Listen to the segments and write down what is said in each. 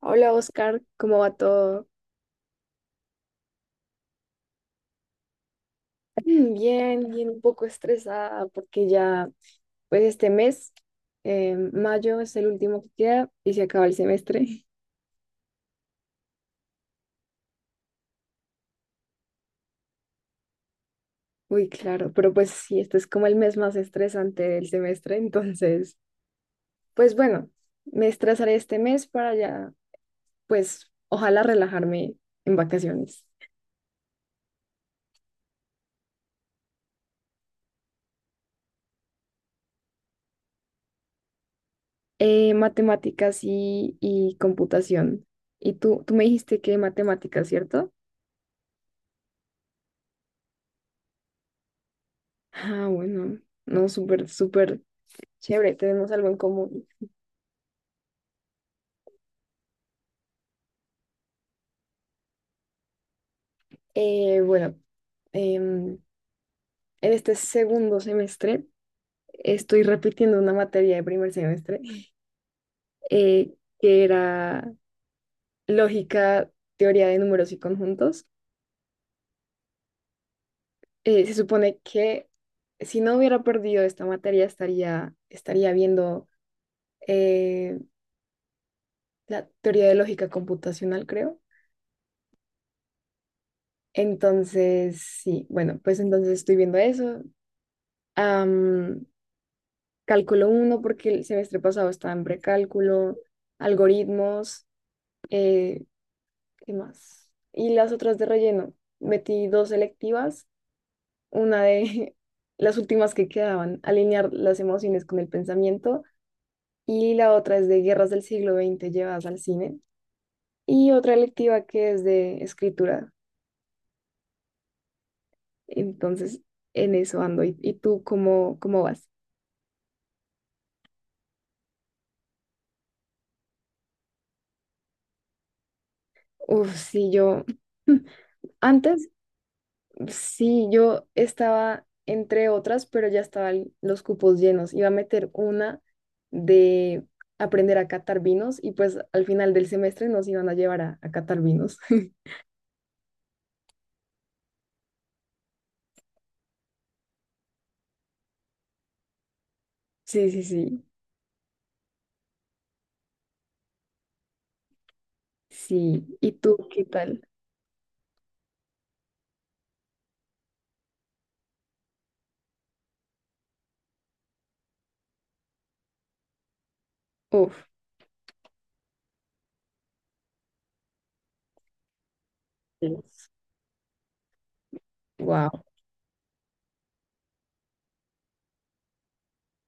Hola Oscar, ¿cómo va todo? Bien, bien, un poco estresada porque ya, pues este mes, mayo es el último que queda y se acaba el semestre. Uy, claro, pero pues sí, este es como el mes más estresante del semestre, entonces, pues bueno, me estresaré este mes para ya, pues ojalá relajarme en vacaciones. Matemáticas y computación. Y tú me dijiste que matemáticas, ¿cierto? Ah, bueno, no, súper, súper. Chévere, tenemos algo en común. Bueno, em, en este segundo semestre estoy repitiendo una materia de primer semestre eh, que era lógica, teoría de números y conjuntos. Se supone que si no hubiera perdido esta materia estaría viendo eh, la teoría de lógica computacional, creo. Entonces, sí, bueno, pues entonces estoy viendo eso. Am, Cálculo uno porque el semestre pasado estaba en precálculo, algoritmos, eh, ¿qué más? Y las otras de relleno. Metí dos selectivas, una de las últimas que quedaban, alinear las emociones con el pensamiento, y la otra es de guerras del siglo XX llevadas al cine, y otra electiva que es de escritura. Entonces, en eso ando. ¿Y tú cómo vas? Uf, sí, Antes sí, yo estaba entre otras, pero ya estaban los cupos llenos. Iba a meter una de aprender a catar vinos y pues al final del semestre nos iban a llevar a catar vinos. Sí, sí, sí, sí. ¿Y tú qué tal? Uf, wow,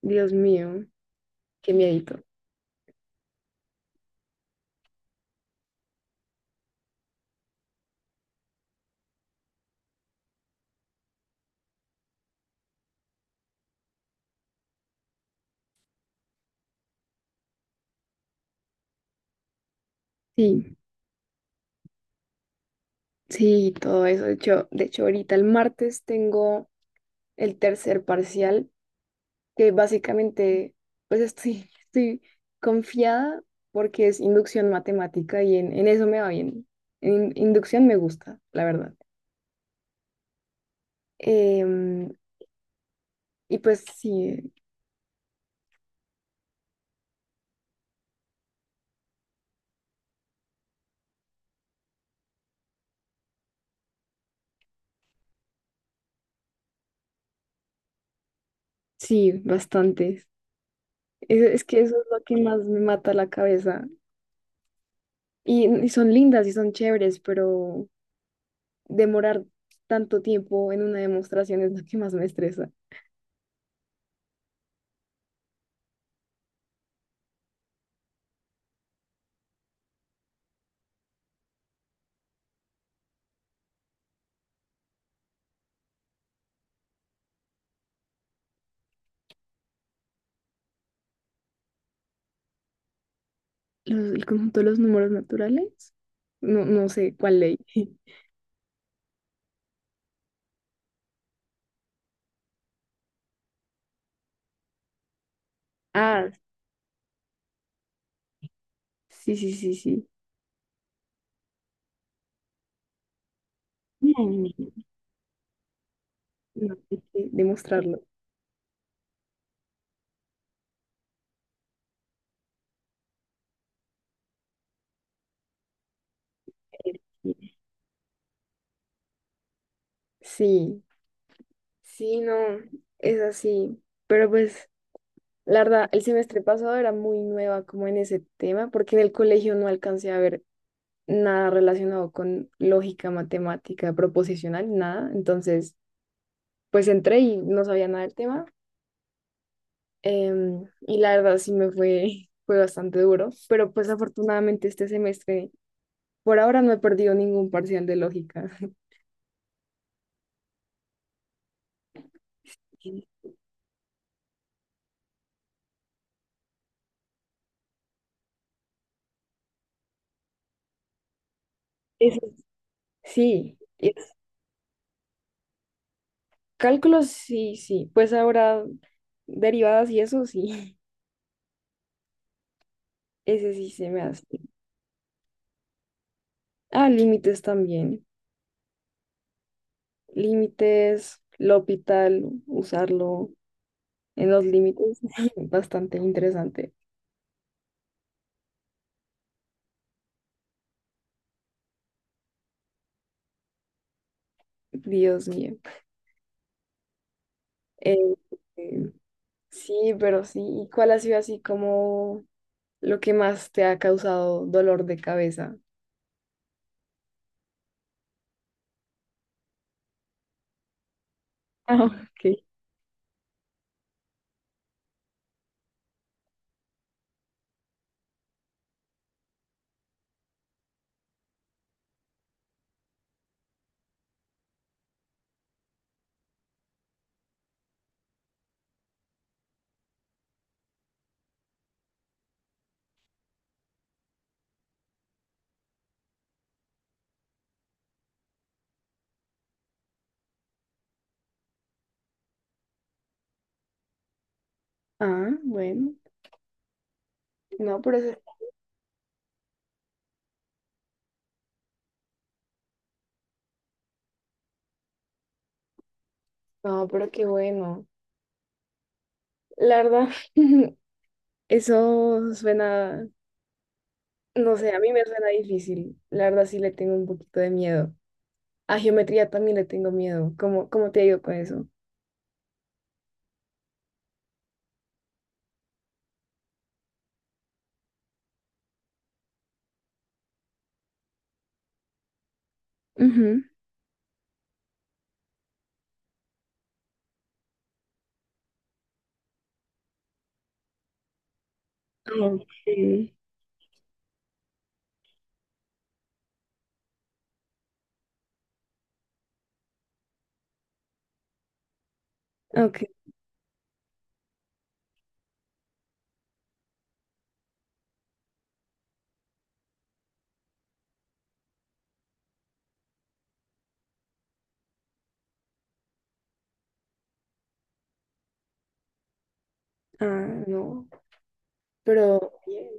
Dios mío, qué miedito. Sí, sí, todo eso. De hecho, ahorita el martes tengo el tercer parcial que básicamente, pues estoy confiada porque es inducción matemática y en eso me va bien. En inducción me gusta, la verdad. Em, y pues sí, sí, bastantes. Es que eso es lo que más me mata la cabeza. Y son lindas y son chéveres, pero demorar tanto tiempo en una demostración es lo que más me estresa. El conjunto de los números naturales. No, no sé cuál ley. Ah, sí, sí, sí, sí. No, no, no, no, hay que demostrarlo. Eh, Sí, sí, no, es así. Pero pues, la verdad, el semestre pasado era muy nueva como en ese tema, porque en el colegio no alcancé a ver nada relacionado con lógica, matemática, proposicional, nada. Entonces, pues entré y no sabía nada del tema. Y la verdad sí me fue bastante duro, pero pues afortunadamente este semestre, por ahora no he perdido ningún parcial de lógica. Eso sí, cálculos, sí, sí. Pues ahora derivadas y eso, sí. Ese sí se me hace. Ah, límites también. Límites, L'Hopital, usarlo en los límites. Bastante interesante. Dios mío. Eh, eh, sí, pero sí. ¿Y cuál ha sido así como lo que más te ha causado dolor de cabeza? Ah, ok. Ah, bueno. No, pero, no, pero qué bueno. La verdad, eso suena, no sé, a mí me suena difícil. La verdad sí le tengo un poquito de miedo. A geometría también le tengo miedo. ¿Cómo te digo con eso? Ujú. Okay, ok, no, pero bien.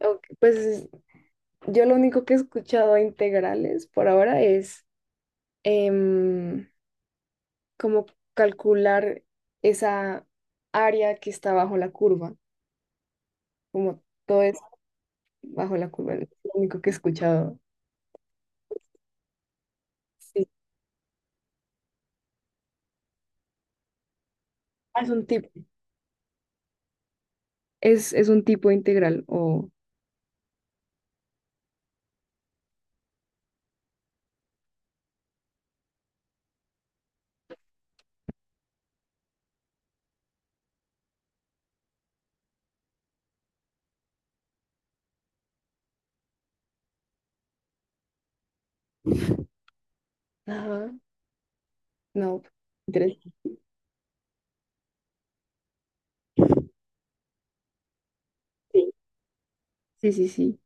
Ok, pues yo lo único que he escuchado a integrales por ahora es em, como calcular esa área que está bajo la curva, como todo es bajo la curva, es lo único que he escuchado. Sí, ah, es un tip. Es un tipo integral o... Ajá. No. Interesante. Sí. Sí, sí, sí.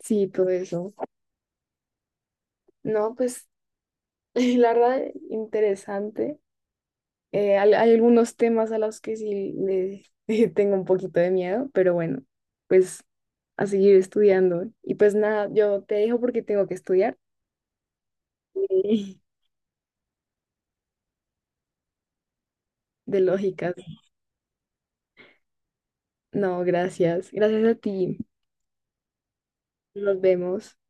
Sí, todo eso. No, pues la verdad, interesante. Hay algunos temas a los que sí le, tengo un poquito de miedo, pero bueno, pues a seguir estudiando. Y pues nada, yo te dejo porque tengo que estudiar. De lógicas. No, gracias. Gracias a ti. Nos vemos.